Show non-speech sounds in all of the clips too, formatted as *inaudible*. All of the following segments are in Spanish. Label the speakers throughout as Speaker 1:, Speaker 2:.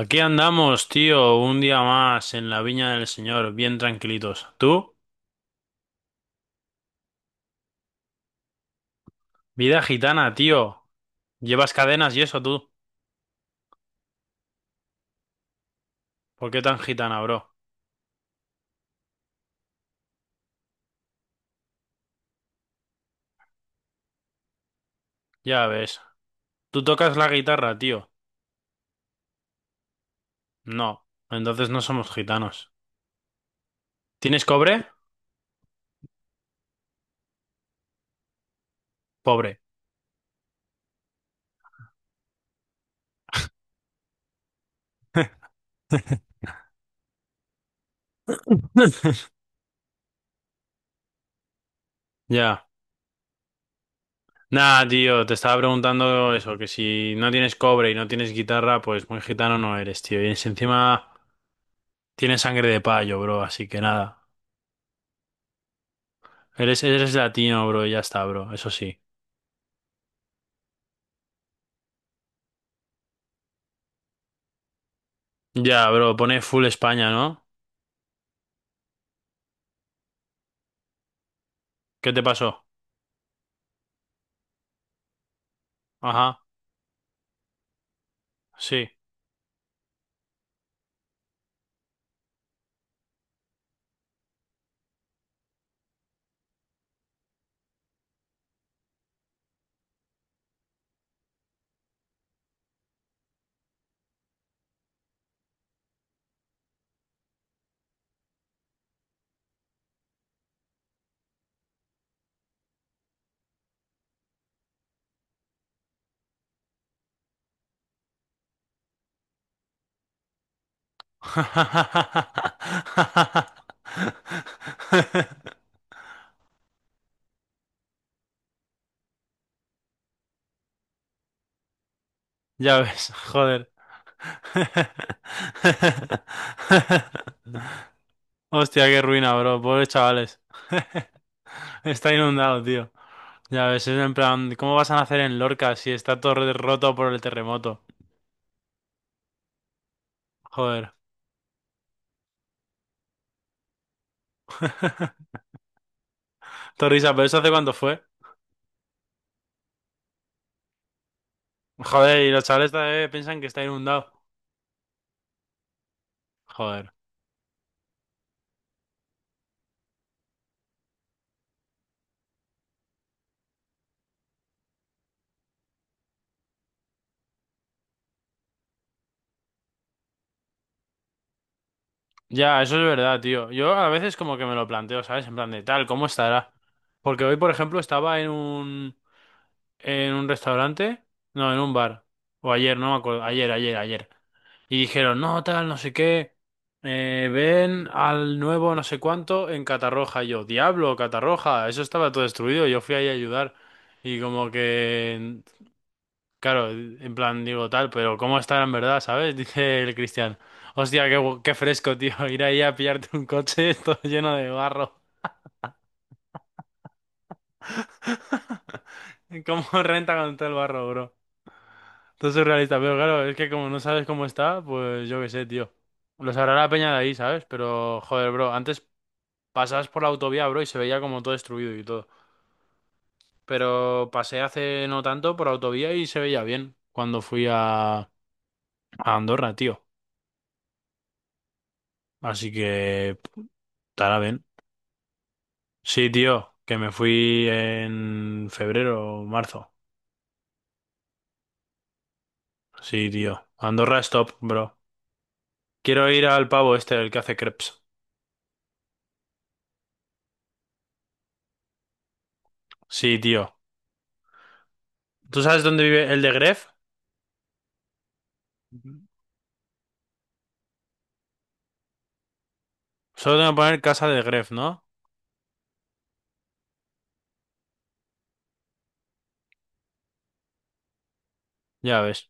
Speaker 1: Aquí andamos, tío, un día más en la viña del Señor, bien tranquilitos. ¿Tú? Vida gitana, tío. Llevas cadenas y eso tú. ¿Por qué tan gitana, bro? Ya ves. ¿Tú tocas la guitarra, tío? No. Entonces no somos gitanos. ¿Tienes cobre? Pobre. *laughs* Ya. Nah, tío, te estaba preguntando eso, que si no tienes cobre y no tienes guitarra, pues muy gitano no eres, tío. Encima tienes sangre de payo, bro, así que nada. Eres latino, bro, y ya está, bro, eso sí. Ya, bro, pone full España, ¿no? ¿Qué te pasó? Ajá, sí. *laughs* Ya ves, joder. *laughs* Hostia, qué ruina, bro. Pobres chavales. *laughs* Está inundado, tío. Ya ves, es en plan, ¿cómo vas a nacer en Lorca si está todo roto por el terremoto? Joder. *laughs* Torrisa, ¿pero eso hace cuánto fue? Joder, y los chavales todavía piensan que está inundado. Joder. Ya, eso es verdad, tío. Yo a veces como que me lo planteo, ¿sabes? En plan de tal, ¿cómo estará? Porque hoy, por ejemplo, estaba en un restaurante, no, en un bar. O ayer, no me acuerdo, ayer. Y dijeron, "No, tal, no sé qué. Eh, ven al nuevo no sé cuánto en Catarroja." Y yo, "Diablo, Catarroja, eso estaba todo destruido." Yo fui ahí a ayudar y como que claro, en plan digo tal, pero ¿cómo estará en verdad, sabes? *laughs* Dice el Cristian. Hostia, qué, qué fresco, tío. *laughs* Ir ahí a pillarte un coche *laughs* todo lleno de barro. *laughs* ¿Cómo renta con todo el barro, bro? Todo surrealista, pero claro, es que como no sabes cómo está, pues yo qué sé, tío. Lo sabrá la peña de ahí, ¿sabes? Pero, joder, bro, antes pasabas por la autovía, bro, y se veía como todo destruido y todo. Pero pasé hace no tanto por autovía y se veía bien cuando fui a Andorra, tío. Así que estará bien. Sí, tío, que me fui en febrero o marzo. Sí, tío. Andorra es top, bro. Quiero ir al pavo este, el que hace crepes. Sí, tío. ¿Tú sabes dónde vive el de Gref? Ujú. Solo tengo que poner casa de Gref, ¿no? Ya ves.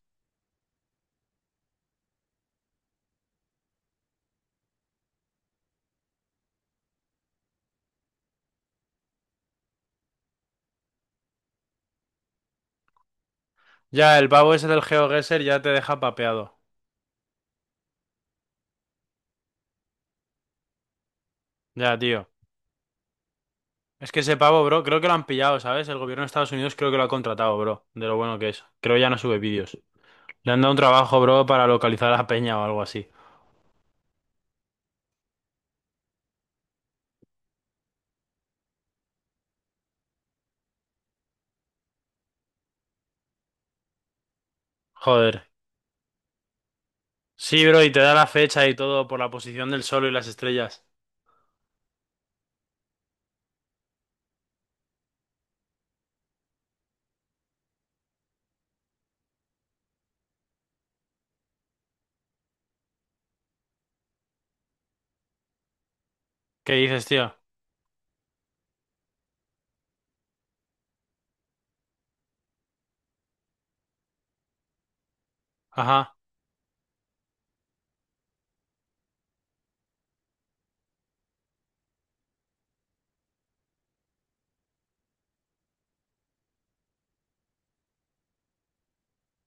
Speaker 1: Ya, el pavo ese del GeoGuessr ya te deja papeado. Ya, tío. Es que ese pavo, bro, creo que lo han pillado, ¿sabes? El gobierno de Estados Unidos creo que lo ha contratado, bro. De lo bueno que es. Creo ya no sube vídeos. Le han dado un trabajo, bro, para localizar a la peña o algo así. Joder. Sí, bro, y te da la fecha y todo por la posición del sol y las estrellas. ¿Qué dices, tío? Ajá,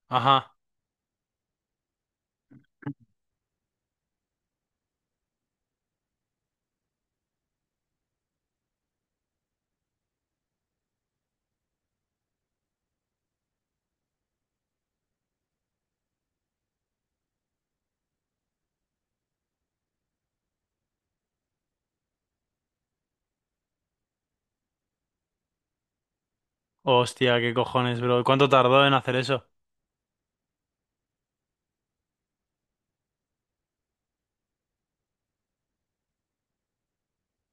Speaker 1: ajá. Hostia, qué cojones, bro. ¿Cuánto tardó en hacer eso?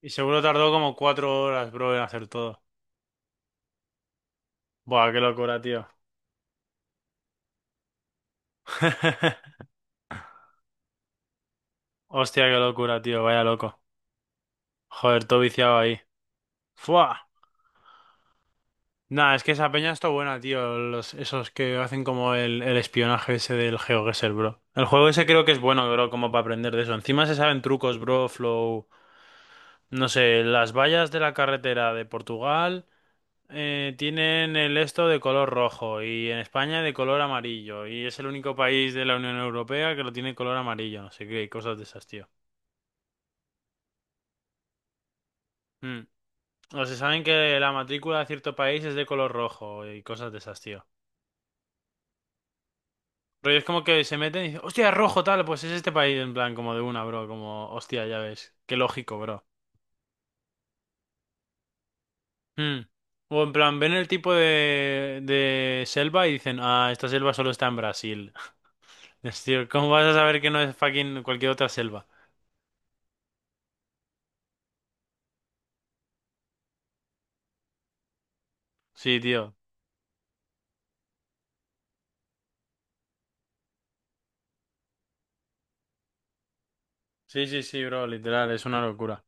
Speaker 1: Y seguro tardó como 4 horas, bro, en hacer todo. Buah, qué locura, tío. *laughs* Hostia, qué locura, tío. Vaya loco. Joder, todo viciado ahí. Fua. Nah, es que esa peña está buena, tío. Los, esos que hacen como el espionaje ese del GeoGuessr, bro. El juego ese creo que es bueno, bro, como para aprender de eso. Encima se saben trucos, bro, flow. No sé, las vallas de la carretera de Portugal tienen el esto de color rojo y en España de color amarillo. Y es el único país de la Unión Europea que lo tiene color amarillo, no sé qué, cosas de esas, tío. Mm. O se saben que la matrícula de cierto país es de color rojo y cosas de esas, tío. Pero es como que se meten y dicen, hostia, rojo tal, pues es este país, en plan, como de una, bro, como, hostia, ya ves, qué lógico, bro. Mm. O en plan, ven el tipo de selva y dicen, ah, esta selva solo está en Brasil. Es, tío, ¿cómo vas a saber que no es fucking cualquier otra selva? Sí, tío. Sí, sí, sí, bro, literal, es una locura.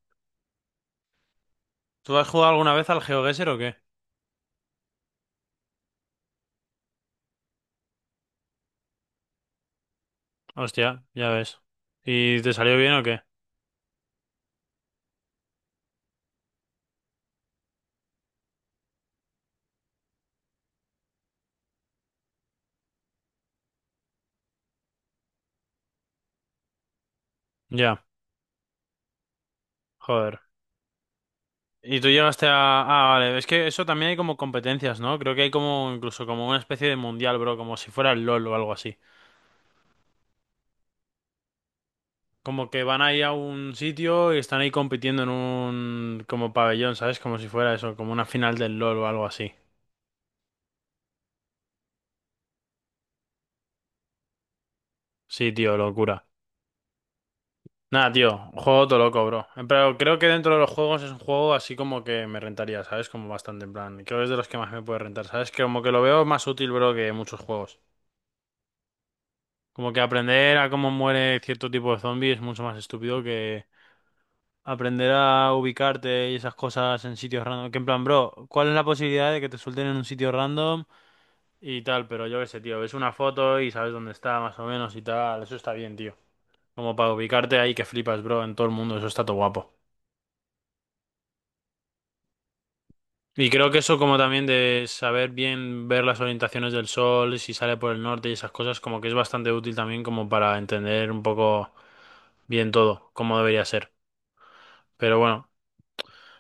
Speaker 1: ¿Tú has jugado alguna vez al GeoGuessr o qué? Hostia, ya ves. ¿Y te salió bien o qué? Ya, joder. ¿Y tú llegaste a...? Ah, vale, es que eso también hay como competencias, ¿no? Creo que hay como incluso como una especie de mundial, bro, como si fuera el LOL o algo así. Como que van ahí a un sitio y están ahí compitiendo en un... como pabellón, ¿sabes? Como si fuera eso, como una final del LOL o algo así. Sí, tío, locura. Nada, tío, un juego todo loco, bro. En plan, creo que dentro de los juegos es un juego así como que me rentaría, ¿sabes? Como bastante, en plan. Creo que es de los que más me puede rentar, ¿sabes? Que como que lo veo más útil, bro, que muchos juegos. Como que aprender a cómo muere cierto tipo de zombies es mucho más estúpido que aprender a ubicarte y esas cosas en sitios random. Que en plan, bro, ¿cuál es la posibilidad de que te suelten en un sitio random y tal? Pero yo qué sé, tío, ves una foto y sabes dónde está más o menos y tal. Eso está bien, tío. Como para ubicarte ahí que flipas, bro, en todo el mundo. Eso está todo guapo. Y creo que eso como también de saber bien ver las orientaciones del sol, si sale por el norte y esas cosas, como que es bastante útil también como para entender un poco bien todo, cómo debería ser. Pero bueno,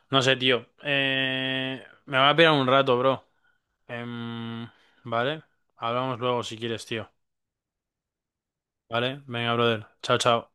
Speaker 1: no sé, tío. Me va a pegar un rato, bro. Em, ¿Vale? Hablamos luego si quieres, tío. ¿Vale? Venga, brother. Chao, chao.